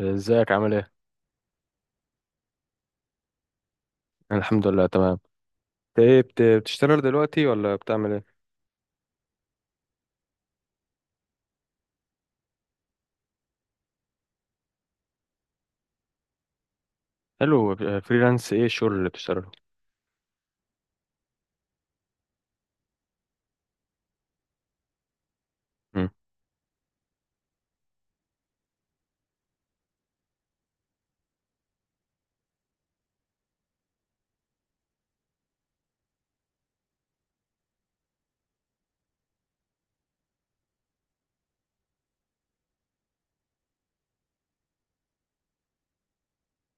ازيك عامل ايه؟ أنا الحمد لله تمام. إنت ايه بتشتغل دلوقتي ولا بتعمل ايه؟ حلو، فريلانس ايه الشغل اللي بتشتغله؟ مم.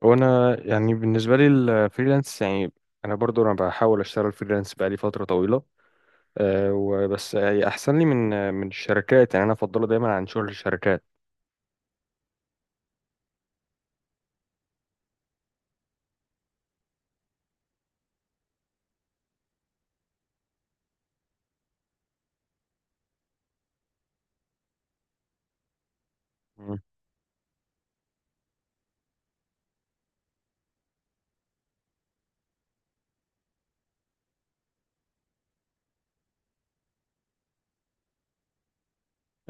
وانا يعني بالنسبة لي الفريلانس يعني انا برضو انا بحاول اشتغل فريلانس بقالي فترة طويلة. أه وبس يعني احسن لي من من الشركات، يعني انا افضله دايما عن شغل الشركات. مم.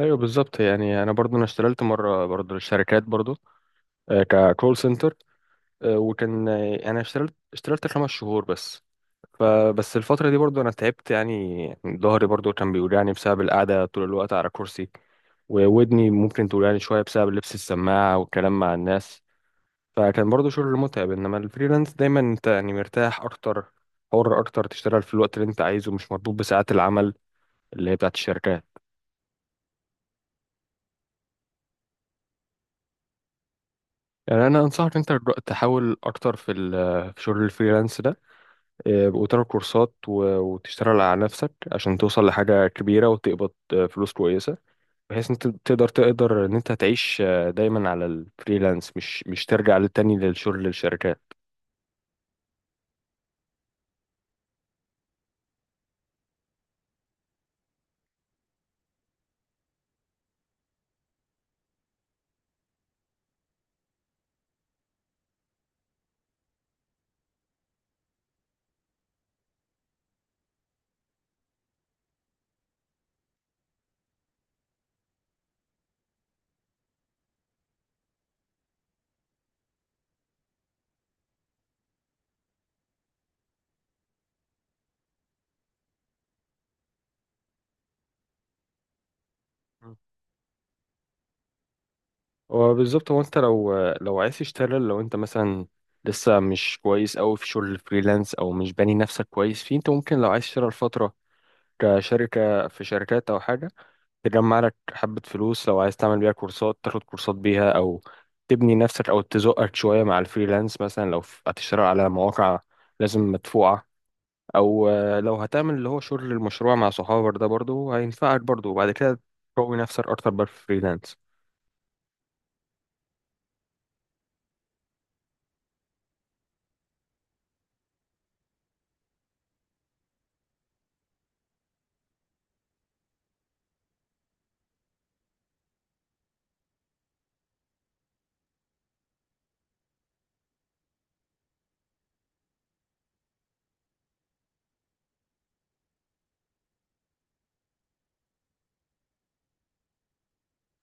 ايوه بالظبط، يعني انا برضو انا اشتغلت مرة برضو للشركات برضو، أه ككول سنتر. وكان، انا اشتغلت خمس شهور بس. فبس الفترة دي برضو أنا تعبت، يعني ظهري برضو كان بيوجعني بسبب القعدة طول الوقت على كرسي، وودني ممكن توجعني شوية بسبب لبس السماعة والكلام مع الناس. فكان برضو شغل متعب، إنما الفريلانس دايما أنت يعني مرتاح أكتر، حر أكتر، تشتغل في الوقت اللي أنت عايزه، مش مربوط بساعات العمل اللي هي بتاعت الشركات. يعني أنا أنصحك أنت تحاول أكتر في شغل الفريلانس ده، وتاخد كورسات وتشتغل على نفسك عشان توصل لحاجة كبيرة وتقبض، فلوس كويسة، بحيث انت تقدر ان انت تعيش، دايما على الفريلانس، مش ترجع للتاني، للشغل للشركات. مم. وبالظبط هو انت لو، لو عايز تشتغل، لو انت مثلا لسه مش كويس قوي في شغل الفريلانس او مش باني نفسك كويس فيه، انت ممكن لو عايز تشتغل فترة كشركة في شركات او حاجة، تجمع لك حبة فلوس لو عايز تعمل بيها كورسات، تاخد كورسات بيها أو تبني نفسك أو تزقك شوية مع الفريلانس. مثلا لو هتشتغل على مواقع لازم مدفوعة، أو لو هتعمل اللي هو شغل المشروع مع صحابك ده، برضه هينفعك برضه، وبعد كده تقوي نفسك أكتر بقى في الفريلانس.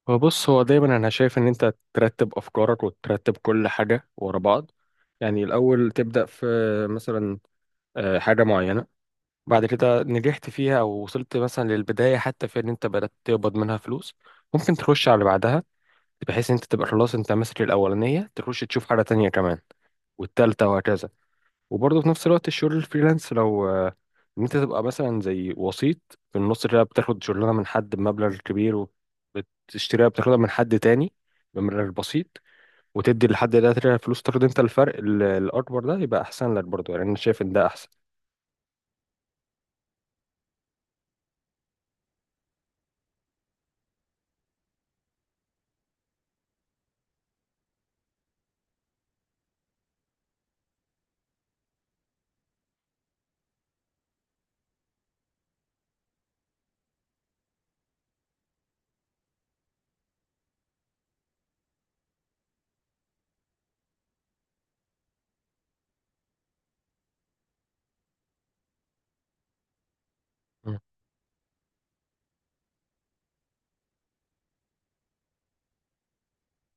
فبص، هو دايما أنا شايف إن أنت ترتب أفكارك وترتب كل حاجة ورا بعض، يعني الأول تبدأ في مثلا، حاجة معينة، بعد كده نجحت فيها او وصلت مثلا للبدايه، حتى في ان انت بدات تقبض منها فلوس، ممكن تخش على اللي بعدها، بحيث ان انت تبقى خلاص انت ماسك الاولانيه، تخش تشوف حاجه تانية كمان، والتالتة وهكذا. وبرضه في نفس الوقت الشغل الفريلانس، لو ان انت تبقى مثلا زي وسيط في النص كده، بتاخد شغلانة من حد بمبلغ كبير، وبتشتريها، بتاخدها من حد تاني بمبلغ بسيط، وتدي لحد ده تلاتة فلوس، تاخد انت الفرق الأكبر ده، يبقى أحسن لك برضه. يعني أنا شايف إن ده أحسن.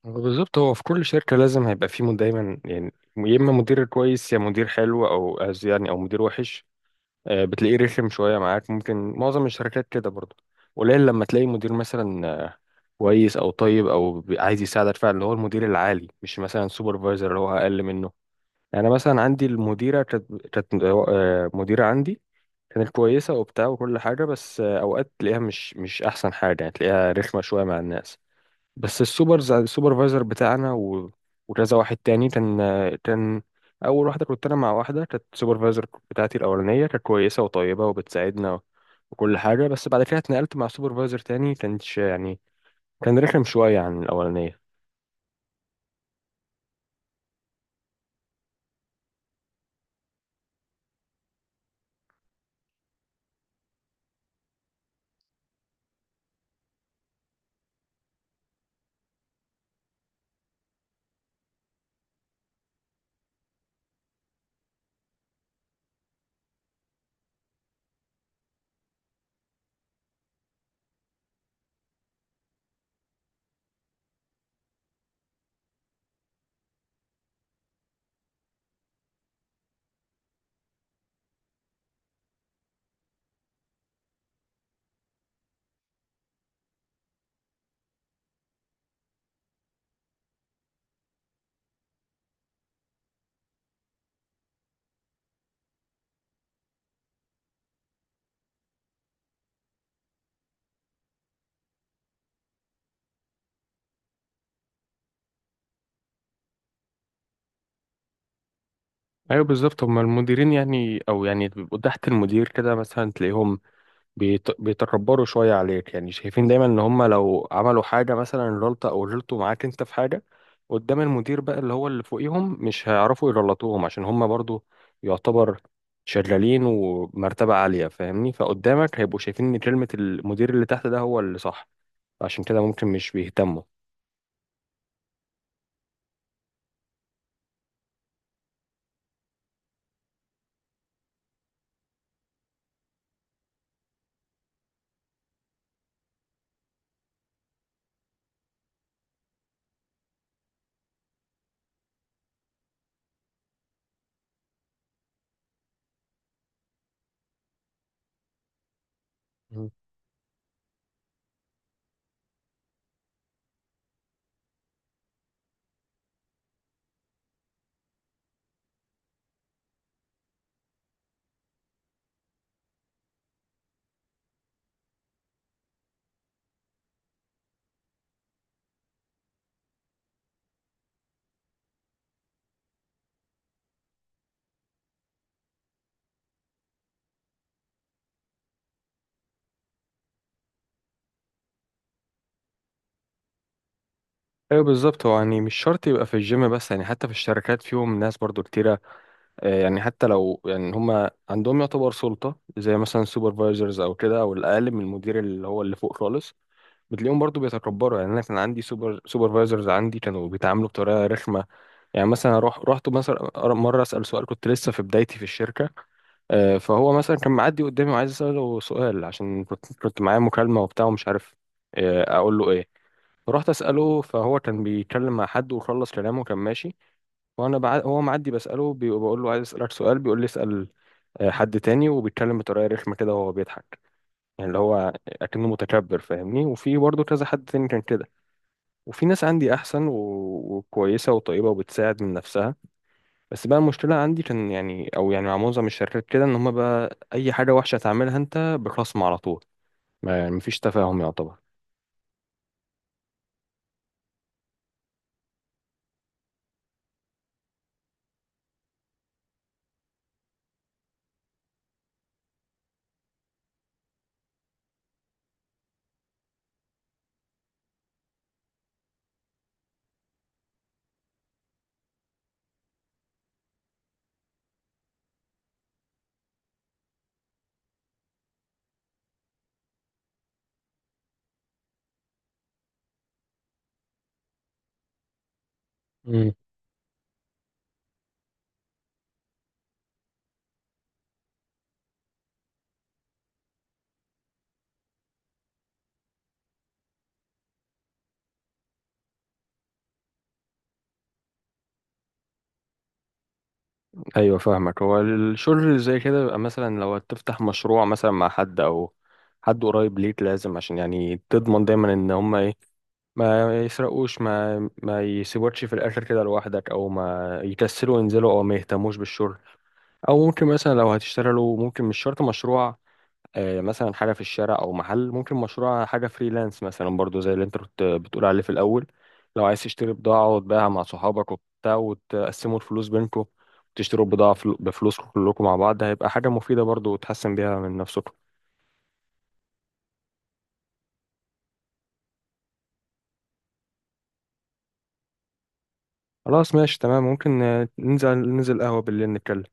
بالظبط، هو في كل شركة لازم هيبقى فيه دايما، يعني يا إما مدير كويس يا مدير حلو، أو يعني أو مدير وحش، بتلاقيه رخم شوية معاك. ممكن معظم الشركات كده برضه. قليل لما تلاقي مدير مثلا، كويس أو طيب أو عايز يساعدك فعلا، اللي هو المدير العالي مش مثلا سوبرفايزر اللي هو أقل منه. يعني أنا مثلا عندي المديرة، كانت، مديرة عندي كانت كويسة وبتاع وكل حاجة، بس أوقات تلاقيها مش أحسن حاجة، يعني تلاقيها رخمة شوية مع الناس. بس السوبرفايزر بتاعنا وكذا واحد تاني كان، كان اول واحده كنت انا مع واحده، كانت السوبرفايزر بتاعتي الاولانيه كانت كويسه وطيبه وبتساعدنا وكل حاجه، بس بعد كده اتنقلت مع سوبرفايزر تاني، كانش يعني، كان رخم شويه عن الاولانيه. ايوه بالظبط، هما المديرين يعني او يعني بيبقوا تحت المدير كده، مثلا تلاقيهم بيتكبروا شوية عليك، يعني شايفين دايما ان هم لو عملوا حاجة مثلا غلطة او غلطوا معاك انت في حاجة، قدام المدير بقى اللي هو اللي فوقيهم مش هيعرفوا يغلطوهم، عشان هم برضو يعتبر شغالين ومرتبة عالية، فاهمني؟ فقدامك هيبقوا شايفين ان كلمة المدير اللي تحت ده هو اللي صح، عشان كده ممكن مش بيهتموا. مم. ايوه بالظبط، هو يعني مش شرط يبقى في الجيم بس، يعني حتى في الشركات فيهم ناس برضو كتيرة، يعني حتى لو يعني هم عندهم يعتبر سلطة زي مثلا سوبرفايزرز أو كده، أو الأقل من المدير اللي هو اللي فوق خالص، بتلاقيهم برضو بيتكبروا. يعني أنا كان عندي سوبرفايزرز عندي كانوا بيتعاملوا بطريقة رخمة. يعني مثلا رحت مثلا مرة أسأل سؤال، كنت لسه في بدايتي في الشركة، فهو مثلا كان معدي قدامي وعايز اساله سؤال، عشان كنت معايا مكالمه وبتاع ومش عارف، اقول له ايه. فرحت اساله، فهو كان بيتكلم مع حد وخلص كلامه كان ماشي، وانا هو معدي بساله، بقول له عايز اسالك سؤال، بيقول لي اسال حد تاني، وبيتكلم بطريقه رخمه كده وهو بيضحك، يعني اللي هو اكنه متكبر، فاهمني؟ وفي برضه كذا حد تاني كان كده. وفي ناس عندي احسن وكويسه وطيبه وبتساعد من نفسها. بس بقى المشكله عندي كان يعني او يعني مع معظم الشركات كده، ان هم بقى اي حاجه وحشه تعملها انت بخصم على طول، ما يعني مفيش تفاهم يعتبر. ايوه فاهمك، هو الشغل اللي زي كده بيبقى مثلا لو تفتح مشروع مثلا مع حد او حد قريب ليك، لازم عشان يعني تضمن دايما ان هما ايه، ما يسرقوش، ما يسيبوكش في الاخر كده لوحدك، او ما يكسلوا ينزلوا او ما يهتموش بالشغل. او ممكن مثلا لو هتشتغلوا، ممكن مش شرط مشروع، مثلا حاجة في الشارع أو محل، ممكن مشروع حاجة فريلانس مثلا برضو زي اللي أنت كنت بتقول عليه في الأول. لو عايز تشتري بضاعة وتبيعها مع صحابك وبتاع وتقسموا الفلوس بينكم، وتشتروا بضاعة بفلوسكم كلكم مع بعض، هيبقى حاجة مفيدة برضو وتحسن بيها من نفسكم. خلاص ماشي تمام، ممكن ننزل قهوة بالليل نتكلم.